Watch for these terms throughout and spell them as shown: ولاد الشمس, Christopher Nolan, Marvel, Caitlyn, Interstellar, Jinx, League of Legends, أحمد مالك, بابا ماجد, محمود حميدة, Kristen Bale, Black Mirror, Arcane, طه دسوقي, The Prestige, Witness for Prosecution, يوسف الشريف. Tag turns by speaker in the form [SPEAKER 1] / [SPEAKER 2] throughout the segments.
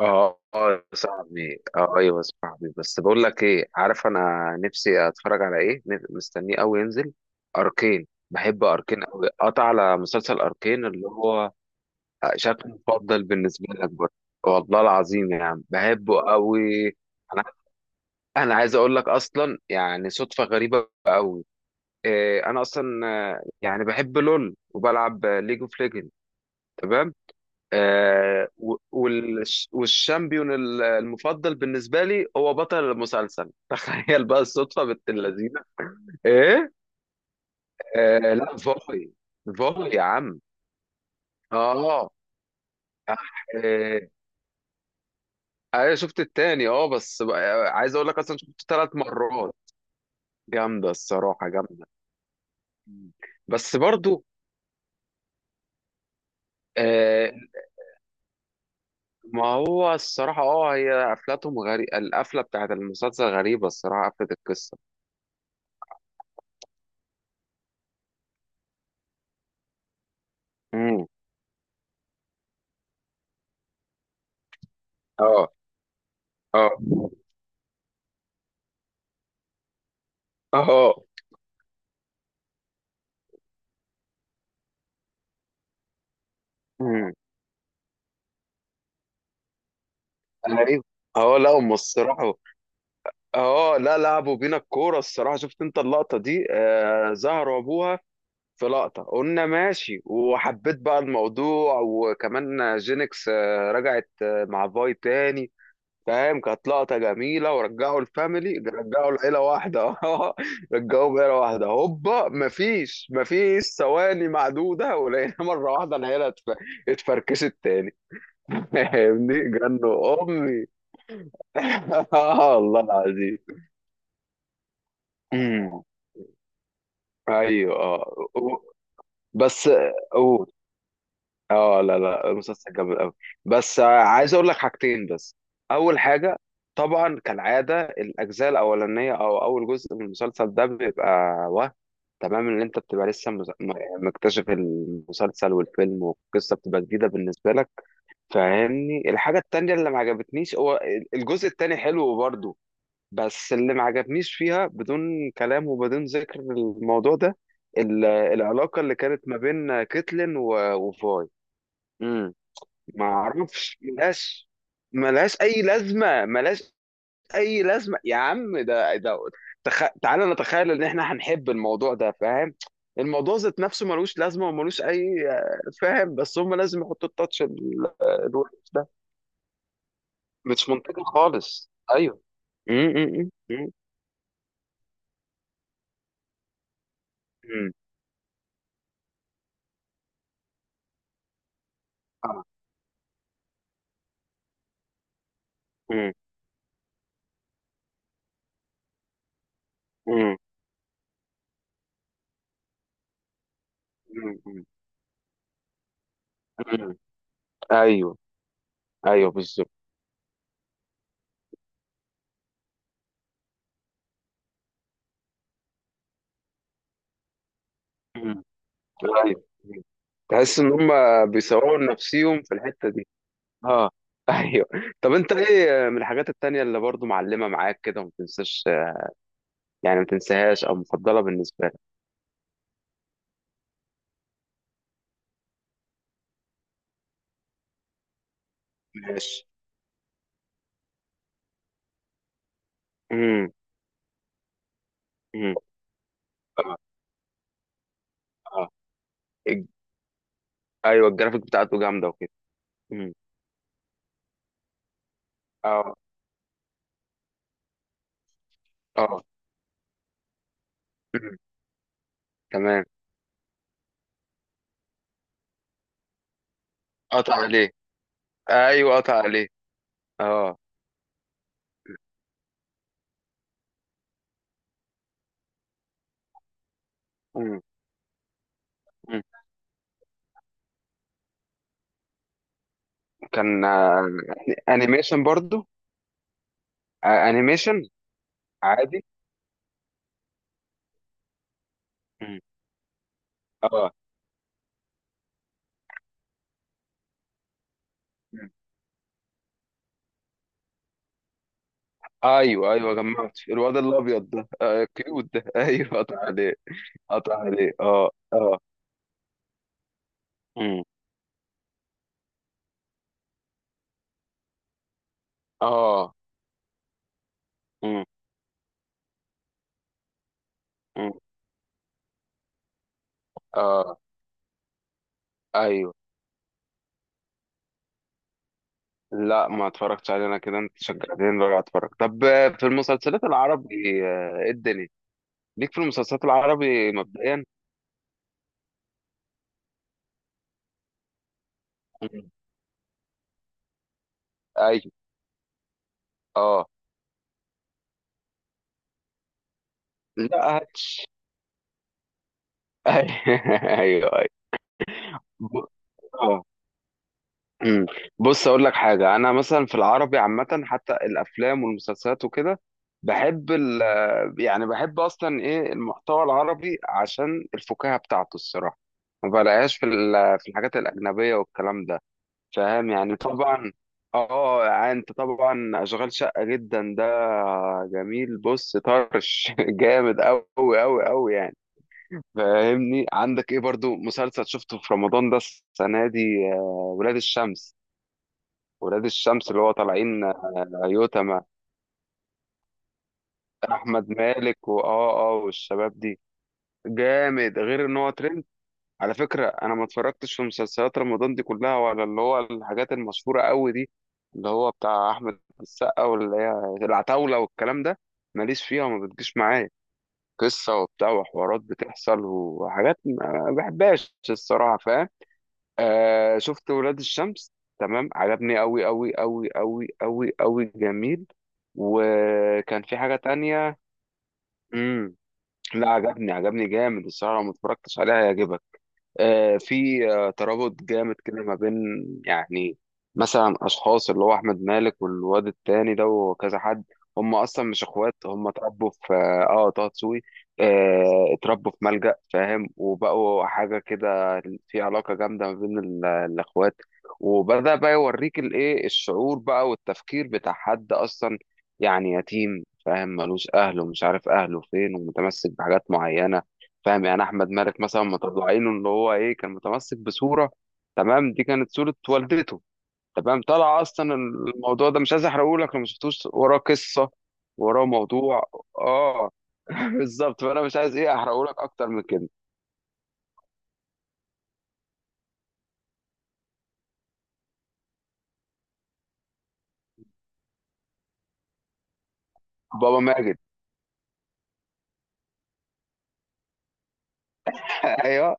[SPEAKER 1] اه يا صاحبي، ايوه يا صاحبي، بس بقول لك ايه، عارف انا نفسي اتفرج على ايه؟ مستنيه قوي ينزل اركين، بحب اركين قوي. قطع على مسلسل اركين اللي هو شكله مفضل بالنسبه لك برضه. والله العظيم يا عم بحبه قوي. انا انا عايز اقول لك اصلا، يعني صدفه غريبه قوي. إيه، انا اصلا يعني بحب لول وبلعب ليج اوف ليجند. تمام. والشامبيون المفضل بالنسبة لي هو بطل المسلسل تخيل بقى الصدفة بنت اللذينة. ايه. آه، لا فوي، فوي يا عم. اه، آه، انا شفت التاني، اه، بس عايز اقول لك اصلا شفت ثلاث مرات. جامده الصراحه، جامده. مم. بس برضو، آه، ما هو الصراحه، اه، هي قفلتهم غريبه، القفله بتاعت المسلسل غريبه الصراحه، قفله القصه. امم. اه. اه. اه. امم. ايوه. اه لا، هم الصراحه اه، لا، لعبوا بينا الكوره الصراحه. شفت انت اللقطه دي؟ آه، زهروا ابوها في لقطه، قلنا ماشي وحبيت بقى الموضوع. وكمان جينكس آه رجعت آه مع فاي تاني، فاهم؟ كانت لقطه جميله، ورجعوا الفاميلي، رجعوا العيله واحده اه، رجعوا عيله واحده. هوبا، مفيش، مفيش ثواني معدوده ولقينا مره واحده العيله اتفركشت تاني فاهمني؟ جنوا امي اه والله العظيم. امم. ايوه. بس قول. اه لا لا، المسلسل جامد قوي، بس عايز اقول لك حاجتين بس. اول حاجه، طبعا كالعاده، الاجزاء الاولانيه او اول جزء من المسلسل ده بيبقى وهم. تمام؟ ان انت بتبقى لسه مكتشف المسلسل والفيلم، والقصه بتبقى جديده بالنسبه لك. فاهمني؟ الحاجه التانيه اللي ما عجبتنيش هو الجزء التاني حلو برضه، بس اللي ما عجبنيش فيها، بدون كلام وبدون ذكر الموضوع ده، العلاقة اللي كانت ما بين كيتلين وفاي. امم. ما اعرفش، ملهاش، ملهاش اي لازمة، ملهاش اي لازمة يا عم. ده تخ... تعالى نتخيل ان احنا هنحب الموضوع ده، فاهم؟ الموضوع ذات نفسه ملوش لازمة وملوش اي فاهم؟ بس هم لازم يحطوا التاتش الوحش ده. مش منطقي خالص، ايوه. امم امم. مم. مم. مم. ايوه. ايوه بالظبط. مم. ايوه. مم. تحس ان هم بيصوروا نفسيهم في الحته دي. اه ايوه. طب انت ايه من الحاجات التانية اللي برضو معلمه معاك كده وما تنساش؟ يعني ما تنساهاش او مفضله بالنسبه لك. ماشي. امم. امم. اه. اه. الج- ايوه، الجرافيك بتاعته جامده وكده. امم. اه. اه. مم. تمام. قطع عليه. ايوه قطع عليه. اه. مم. مم. كان انيميشن برضو؟ انيميشن؟ عادي. مم. اه. مم. ايوه ايوه، جمعت الواد الابيض ده آه كيوت ده ايوه قطع عليه، قطع عليه. اه اه. مم. اه. مم. مم. اه. ايوه. لا، ما اتفرجتش عليه انا كده. انت شجعتني بقى اتفرج. طب في المسلسلات العربي ايه الدنيا ليك في المسلسلات العربي مبدئيا؟ مم. ايوه. اه لا هاتش ايوه ايوه. ب- اه امم. بص اقول لك حاجه، انا مثلا في العربي عامه، حتى الافلام والمسلسلات وكده، بحب ال يعني بحب اصلا ايه المحتوى العربي عشان الفكاهه بتاعته الصراحه. ما بلاقيهاش في في الحاجات الاجنبيه والكلام ده، فاهم يعني؟ طبعا. اه يعني، انت طبعا اشغال شقه جدا ده، جميل. بص طرش جامد قوي قوي قوي يعني. فاهمني؟ عندك ايه برضو مسلسل شفته في رمضان ده السنه دي؟ ولاد الشمس، ولاد الشمس اللي هو طالعين يوتما، احمد مالك واه اه آه، والشباب دي. جامد، غير ان هو ترند. على فكره انا ما اتفرجتش في مسلسلات رمضان دي كلها، ولا اللي هو الحاجات المشهوره قوي دي، اللي هو بتاع احمد السقا واللي هي العتاوله والكلام ده. ماليش فيها وما بتجيش معايا، قصه وبتاع وحوارات بتحصل وحاجات ما بحبهاش الصراحه، فاهم؟ آه، شفت ولاد الشمس. تمام، عجبني قوي قوي قوي قوي قوي قوي، جميل. وكان في حاجة تانية. امم. لا، عجبني، عجبني جامد الصراحة. لو ما اتفرجتش عليها هيعجبك. في ترابط جامد كده ما بين، يعني مثلا، اشخاص اللي هو احمد مالك والواد التاني ده وكذا حد. هم اصلا مش اخوات، هم اتربوا في طه دسوقي، اتربوا في ملجأ فاهم، وبقوا حاجه كده. في علاقه جامده ما بين الاخوات. وبدأ بقى يوريك الايه، الشعور بقى والتفكير بتاع حد اصلا يعني يتيم، فاهم؟ ملوش اهله ومش عارف اهله فين، ومتمسك بحاجات معينه، فاهم؟ يعني احمد مالك مثلا مطلعينه ان هو ايه، كان متمسك بصوره. تمام؟ دي كانت صوره والدته. تمام، طلع اصلا الموضوع ده، مش عايز احرقه لك لو ما شفتوش، وراه قصه، وراه موضوع. اه بالظبط، فانا مش عايز ايه احرقه لك اكتر من كده. بابا ماجد. ايوه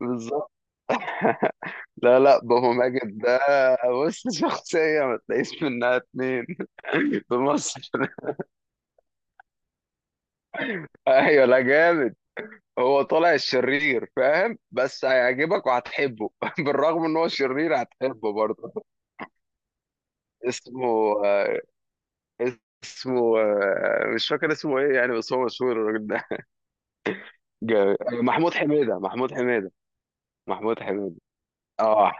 [SPEAKER 1] بالظبط. لا لا، بابا ماجد ده بص، شخصيه ما تلاقيش منها اتنين في مصر. ايوه لا جامد. هو طالع الشرير فاهم، بس هيعجبك وهتحبه بالرغم ان هو شرير هتحبه برضه. اسمه آه، اسمه مش فاكر اسمه ايه يعني، بس هو مشهور الراجل ده. جامد. محمود حميدة، محمود حميدة، محمود حميدة. اه.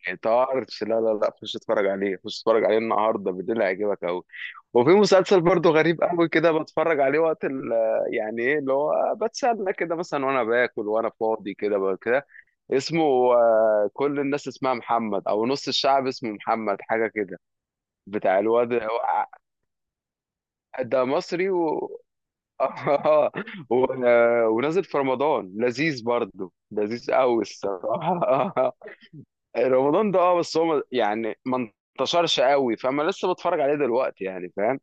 [SPEAKER 1] حيطارش. لا لا لا، خش اتفرج عليه، خش اتفرج عليه النهارده بالليل، هيعجبك قوي. وفي مسلسل برضه غريب قوي كده بتفرج عليه وقت يعني ايه اللي هو، بتسلى كده مثلا وانا باكل وانا فاضي كده. اسمه كل الناس اسمها محمد، او نص الشعب اسمه محمد، حاجه كده. بتاع الواد هو- ده مصري و... و... ونازل في رمضان، لذيذ برضه، لذيذ قوي الصراحه رمضان ده اه، بس هو ما انتشرش قوي، فانا لسه بتفرج عليه دلوقتي يعني، فاهم؟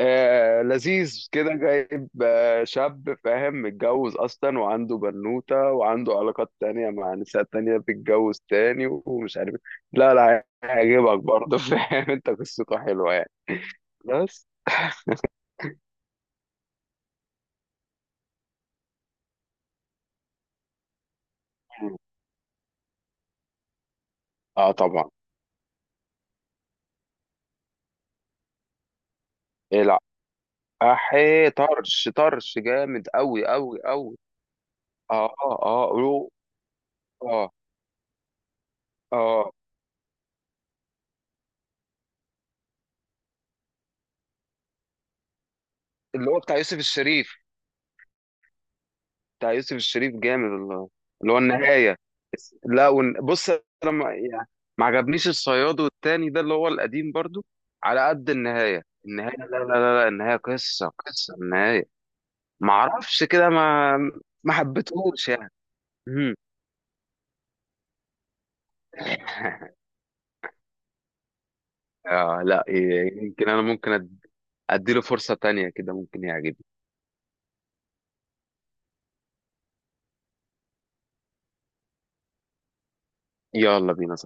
[SPEAKER 1] آه، لذيذ كده، جايب آه شاب فاهم متجوز اصلا وعنده بنوته، وعنده علاقات تانية مع نساء تانية، بتتجوز تاني ومش عارف إيه. لا لا، هيعجبك برضه فاهم؟ انت قصته حلوه يعني، بس. اه طبعا. إيه لا، احي طرش، طرش جامد قوي قوي قوي. اه اه اه اه اه، اللي هو بتاع يوسف الشريف. بتاع يوسف الشريف جامد، اللي اللي هو النهاية. لا ون... بص انا ما يعني، ما عجبنيش الصياد، والتاني ده اللي هو القديم برضو، على قد النهاية. النهاية لا، النهاية، قصة النهاية. ما اعرفش كده، ما حبيتهوش يعني. مم. آه لا، يمكن انا ممكن أد... اديله فرصة تانية كده، ممكن يعجبني. يلا بينا.